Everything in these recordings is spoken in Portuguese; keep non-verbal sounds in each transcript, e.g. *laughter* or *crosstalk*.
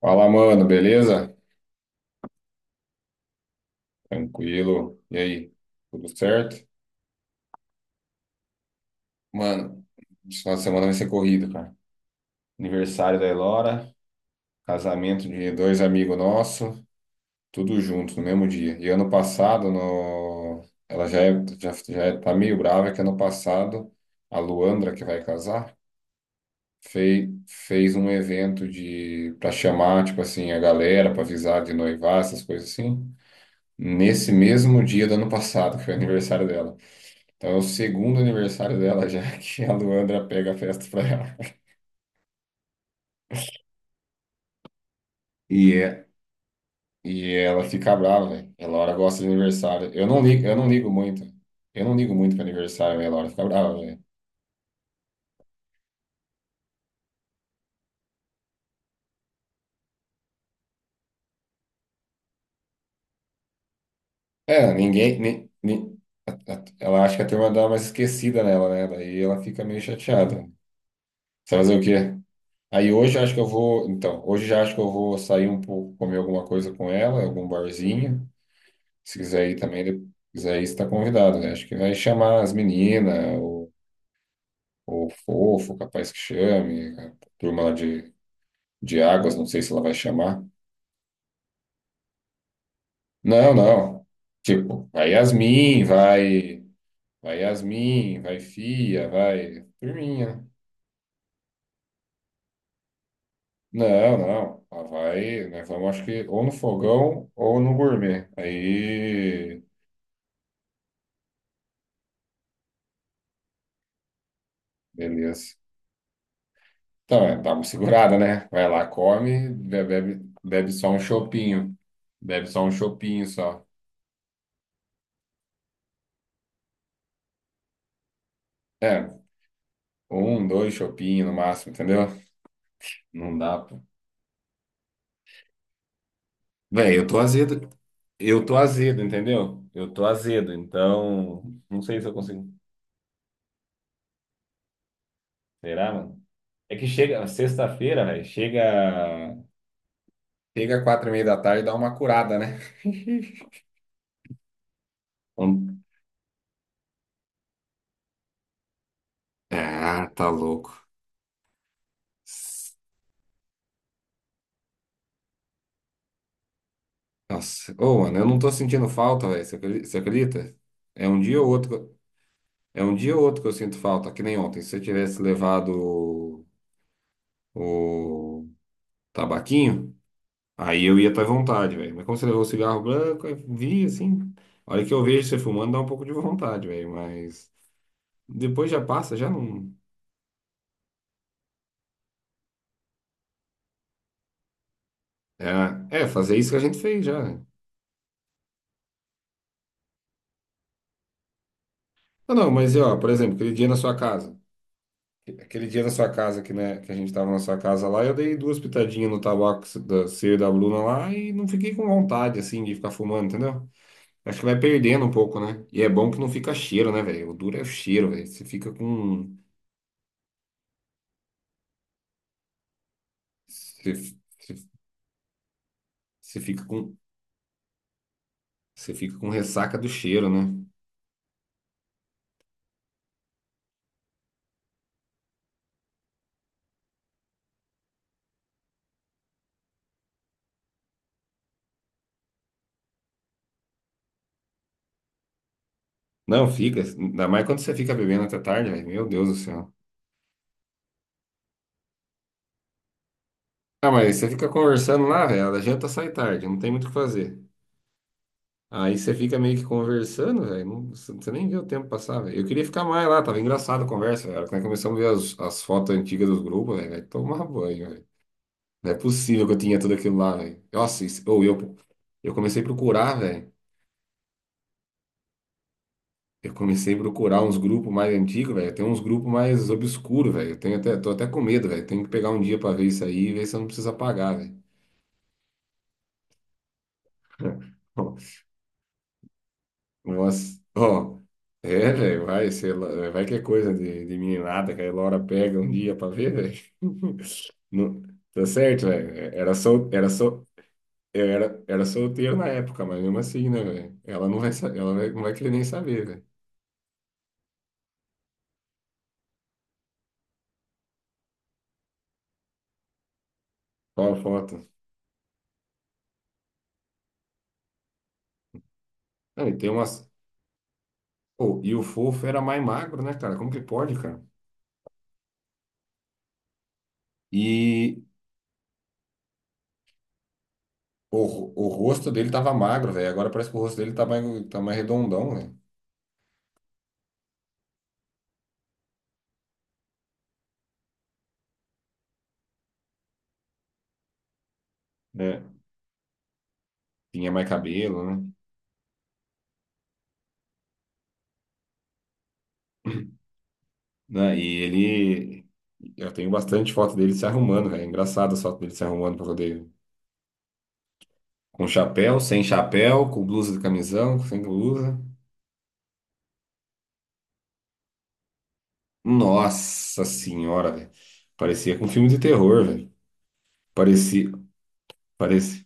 Fala, mano, beleza? Tranquilo. E aí, tudo certo? Mano, esse final de semana vai ser corrido, cara. Aniversário da Elora, casamento de dois amigos nossos, tudo junto no mesmo dia. E ano passado, no... ela já, é, já, já é- tá meio brava que ano passado a Luandra, que vai casar, fez um evento de para chamar, tipo assim, a galera, para avisar de noivar, essas coisas assim, nesse mesmo dia do ano passado, que foi o aniversário dela. Então é o segundo aniversário dela já *laughs* que a Luandra pega a festa pra ela. E, é- e ela fica brava, velho. A Laura gosta de aniversário. Eu não ligo muito. Eu não ligo muito pra aniversário, velho. A Laura fica brava, velho. É, ninguém. Ela acha que a turma dá uma esquecida nela, né? Daí ela fica meio chateada. Você vai fazer o quê? Aí hoje eu acho que eu vou. Então, hoje já acho que eu vou sair um pouco, comer alguma coisa com ela, algum barzinho. Se quiser ir também, se quiser ir, você está convidado, né? Acho que vai chamar as meninas, ou Fofo, capaz que chame, a turma lá de Águas, não sei se ela vai chamar. Não, não. Tipo, vai Yasmin, vai Fia, vai turminha, né? Não, não. Ela vai, nós vamos acho que ou no fogão ou no gourmet. Aí, beleza. Então, dá uma segurada, né? Vai lá, come, bebe só um chopinho. Bebe só um chopinho só. É, um, dois chopinhos no máximo, entendeu? Não dá. Véi, eu tô azedo. Eu tô azedo, entendeu? Eu tô azedo, então não sei se eu consigo. Será, mano? É que chega sexta-feira, velho. Chega. Chega 4h30 da tarde e dá uma curada, né? *laughs* Hum. Ah, tá louco. S- Nossa. Ô, mano, eu não tô sentindo falta, velho. Você acredita? É um dia ou outro. Que eu- É um dia ou outro que eu sinto falta, que nem ontem. Se eu tivesse levado o tabaquinho. Aí eu ia até vontade, velho. Mas como você levou o cigarro branco, eu vi assim. A hora que eu vejo você fumando, dá um pouco de vontade, velho. Mas depois já passa, já não. Fazer isso que a gente fez já, né? Não, não, mas ó, por exemplo, aquele dia na sua casa. Aquele dia na sua casa que, né, que a gente tava na sua casa lá, eu dei duas pitadinhas no tabaco da C e da Bruna lá e não fiquei com vontade, assim, de ficar fumando, entendeu? Acho que vai perdendo um pouco, né? E é bom que não fica cheiro, né, velho? O duro é o cheiro, velho. Você fica com. Você você- Você fica com. Você fica com ressaca do cheiro, né? Não, fica. Ainda mais quando você fica bebendo até tarde, velho. Meu Deus do céu. Ah, mas você fica conversando lá, velho. A janta sai tarde, não tem muito o que fazer. Aí você fica meio que conversando, velho. Você nem vê o tempo passar, velho. Eu queria ficar mais lá, tava engraçado a conversa, velho. A hora que nós começamos a ver as fotos antigas dos grupos, velho. Vai tomar banho, velho. Não é possível que eu tinha tudo aquilo lá, velho. Nossa, isso, ou eu comecei a procurar, velho. Eu comecei a procurar uns grupos mais antigos, velho. Tem uns grupos mais obscuros, velho. Eu tenho até, tô até com medo, velho. Tenho que pegar um dia pra ver isso aí e ver se eu não preciso apagar, velho. *laughs* Nossa, ó. É, velho, vai, sei lá, vai que é coisa de meninada que a Laura pega um dia pra ver, velho. *laughs* Não- Tá certo, velho. Eu era solteiro na época, mas mesmo assim, né, velho? Ela não vai, sa- ela vai- Não vai querer nem saber, velho. Qual a foto? Não, e tem umas. Pô, e o fofo era mais magro, né, cara? Como que pode, cara? E o, o rosto dele tava magro, velho. Agora parece que o rosto dele tá mais redondão, velho. É. Tinha mais cabelo, né? *clears throat* Né? E ele. Eu tenho bastante foto dele se arrumando, velho. Engraçado as fotos dele se arrumando pra poder. Com chapéu, sem chapéu, com blusa de camisão, sem blusa. Nossa senhora, velho. Parecia com um filme de terror, velho. Parecia. Parecia.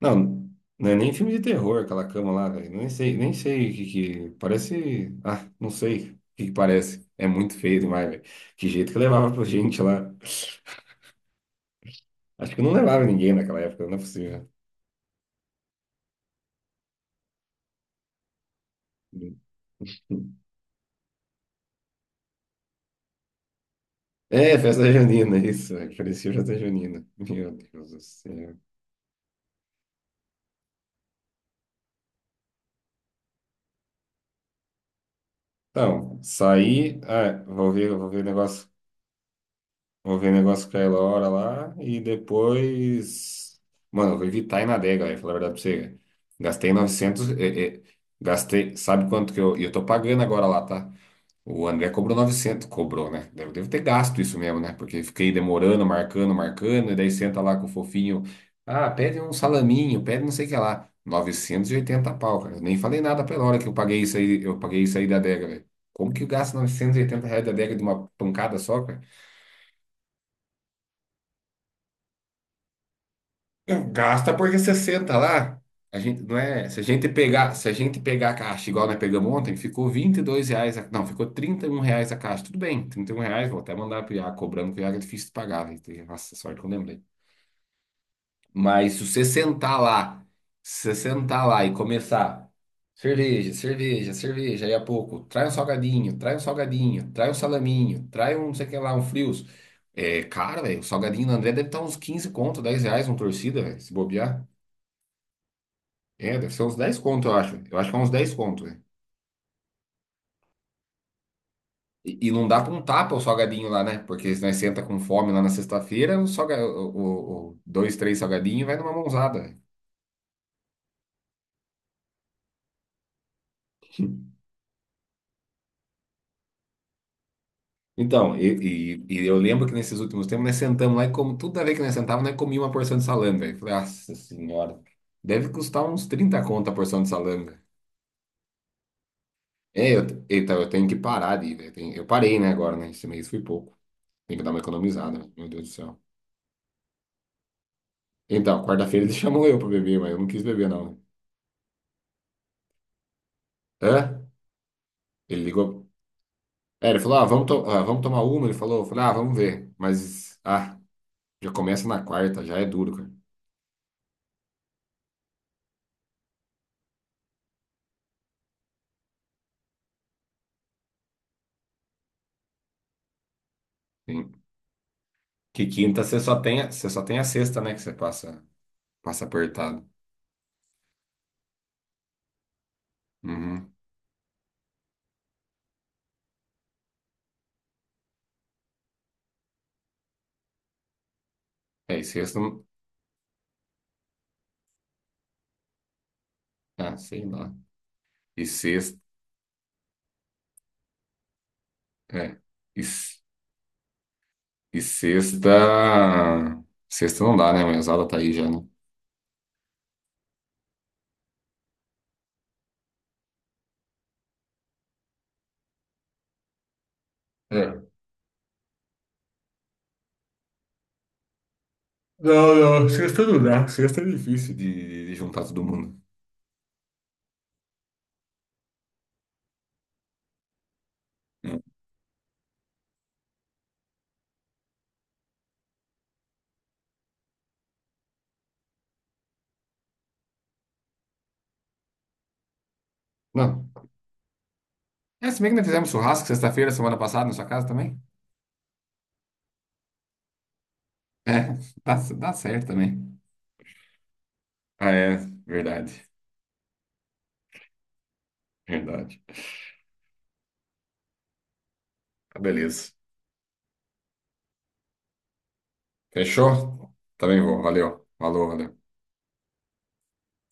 Não, não é nem filme de terror, aquela cama lá, velho. Nem sei o que que. Parece. Ah, não sei o que que parece. É muito feio demais, velho. Que jeito que levava pra gente lá. Acho que não levava ninguém naquela época, não é possível. É, festa junina, isso, velho. Parecia festa junina. Meu Deus do céu. Então, saí. Ah, vou ver o negócio. Vou ver negócio com a Elora lá e depois. Mano, eu vou evitar ir na adega, velho, falar a verdade pra você, velho. Gastei 900, gastei. Sabe quanto que eu. E eu tô pagando agora lá, tá? O André cobrou 900. Cobrou, né? Devo ter gasto isso mesmo, né? Porque fiquei demorando, marcando, marcando. E daí senta lá com o fofinho. Ah, pede um salaminho, pede não sei o que lá. 980 pau, cara. Eu nem falei nada pra Elora que eu paguei isso aí. Eu paguei isso aí da adega, velho. Como que eu gasto R$ 980 da adega de uma pancada só, cara? Não, gasta porque você senta lá. A gente não é, se a gente pegar a caixa igual nós pegamos ontem, ficou R$ 22, não, ficou R$ 31 a caixa. Tudo bem, R$ 31, vou até mandar pro Iago cobrando, que o Iago é difícil de pagar, velho. Nossa, sorte que eu lembrei. Mas se você sentar lá e começar cerveja, cerveja, cerveja, aí a pouco, trai um salgadinho, trai um salgadinho, trai um salaminho, trai um, não sei o que lá, um frios. É, cara, velho, o salgadinho do André deve estar uns 15 conto, R$ 10 uma torcida, velho, se bobear. É, deve ser uns 10 conto, eu acho. Eu acho que é uns 10 conto, velho. E não dá pra um tapa o salgadinho lá, né? Porque se nós senta com fome lá na sexta-feira, o, salga, o dois, três salgadinhos vai numa mãozada, velho. Então, e eu lembro que nesses últimos tempos nós sentamos lá e como tudo a ver que nós sentávamos, nós comíamos uma porção de salame, velho. Falei, nossa senhora, deve custar uns 30 conto a porção de salame, velho. É, eita, eu tenho que parar de ir, velho. Eu parei, né, agora, né? Esse mês foi pouco. Tem que dar uma economizada, velho. Meu Deus do céu. Então, quarta-feira eles chamam *laughs* eu pra beber, mas eu não quis beber, não. Hã? Ele ligou. É, ele falou, ah, vamos tomar uma. Ele falou, eu falei, ah, vamos ver. Mas, ah, já começa na quarta, já é duro, cara. Sim. Que quinta você só tem a sexta, né? Que você passa apertado. Uhum. É, e sexta. Ah, sei lá. E sexta. É. E, s- e sexta. Sexta não dá, né? Mas a aula tá aí já, né? É. Não, não, sexta não dá. Sexta é difícil de juntar todo mundo. É. Não. É, se bem que nós fizemos churrasco sexta-feira, semana passada, na sua casa também. É, *laughs* dá certo também. Ah, é, verdade, verdade. Ah, beleza. Fechou? Também vou, valeu. Falou, valeu.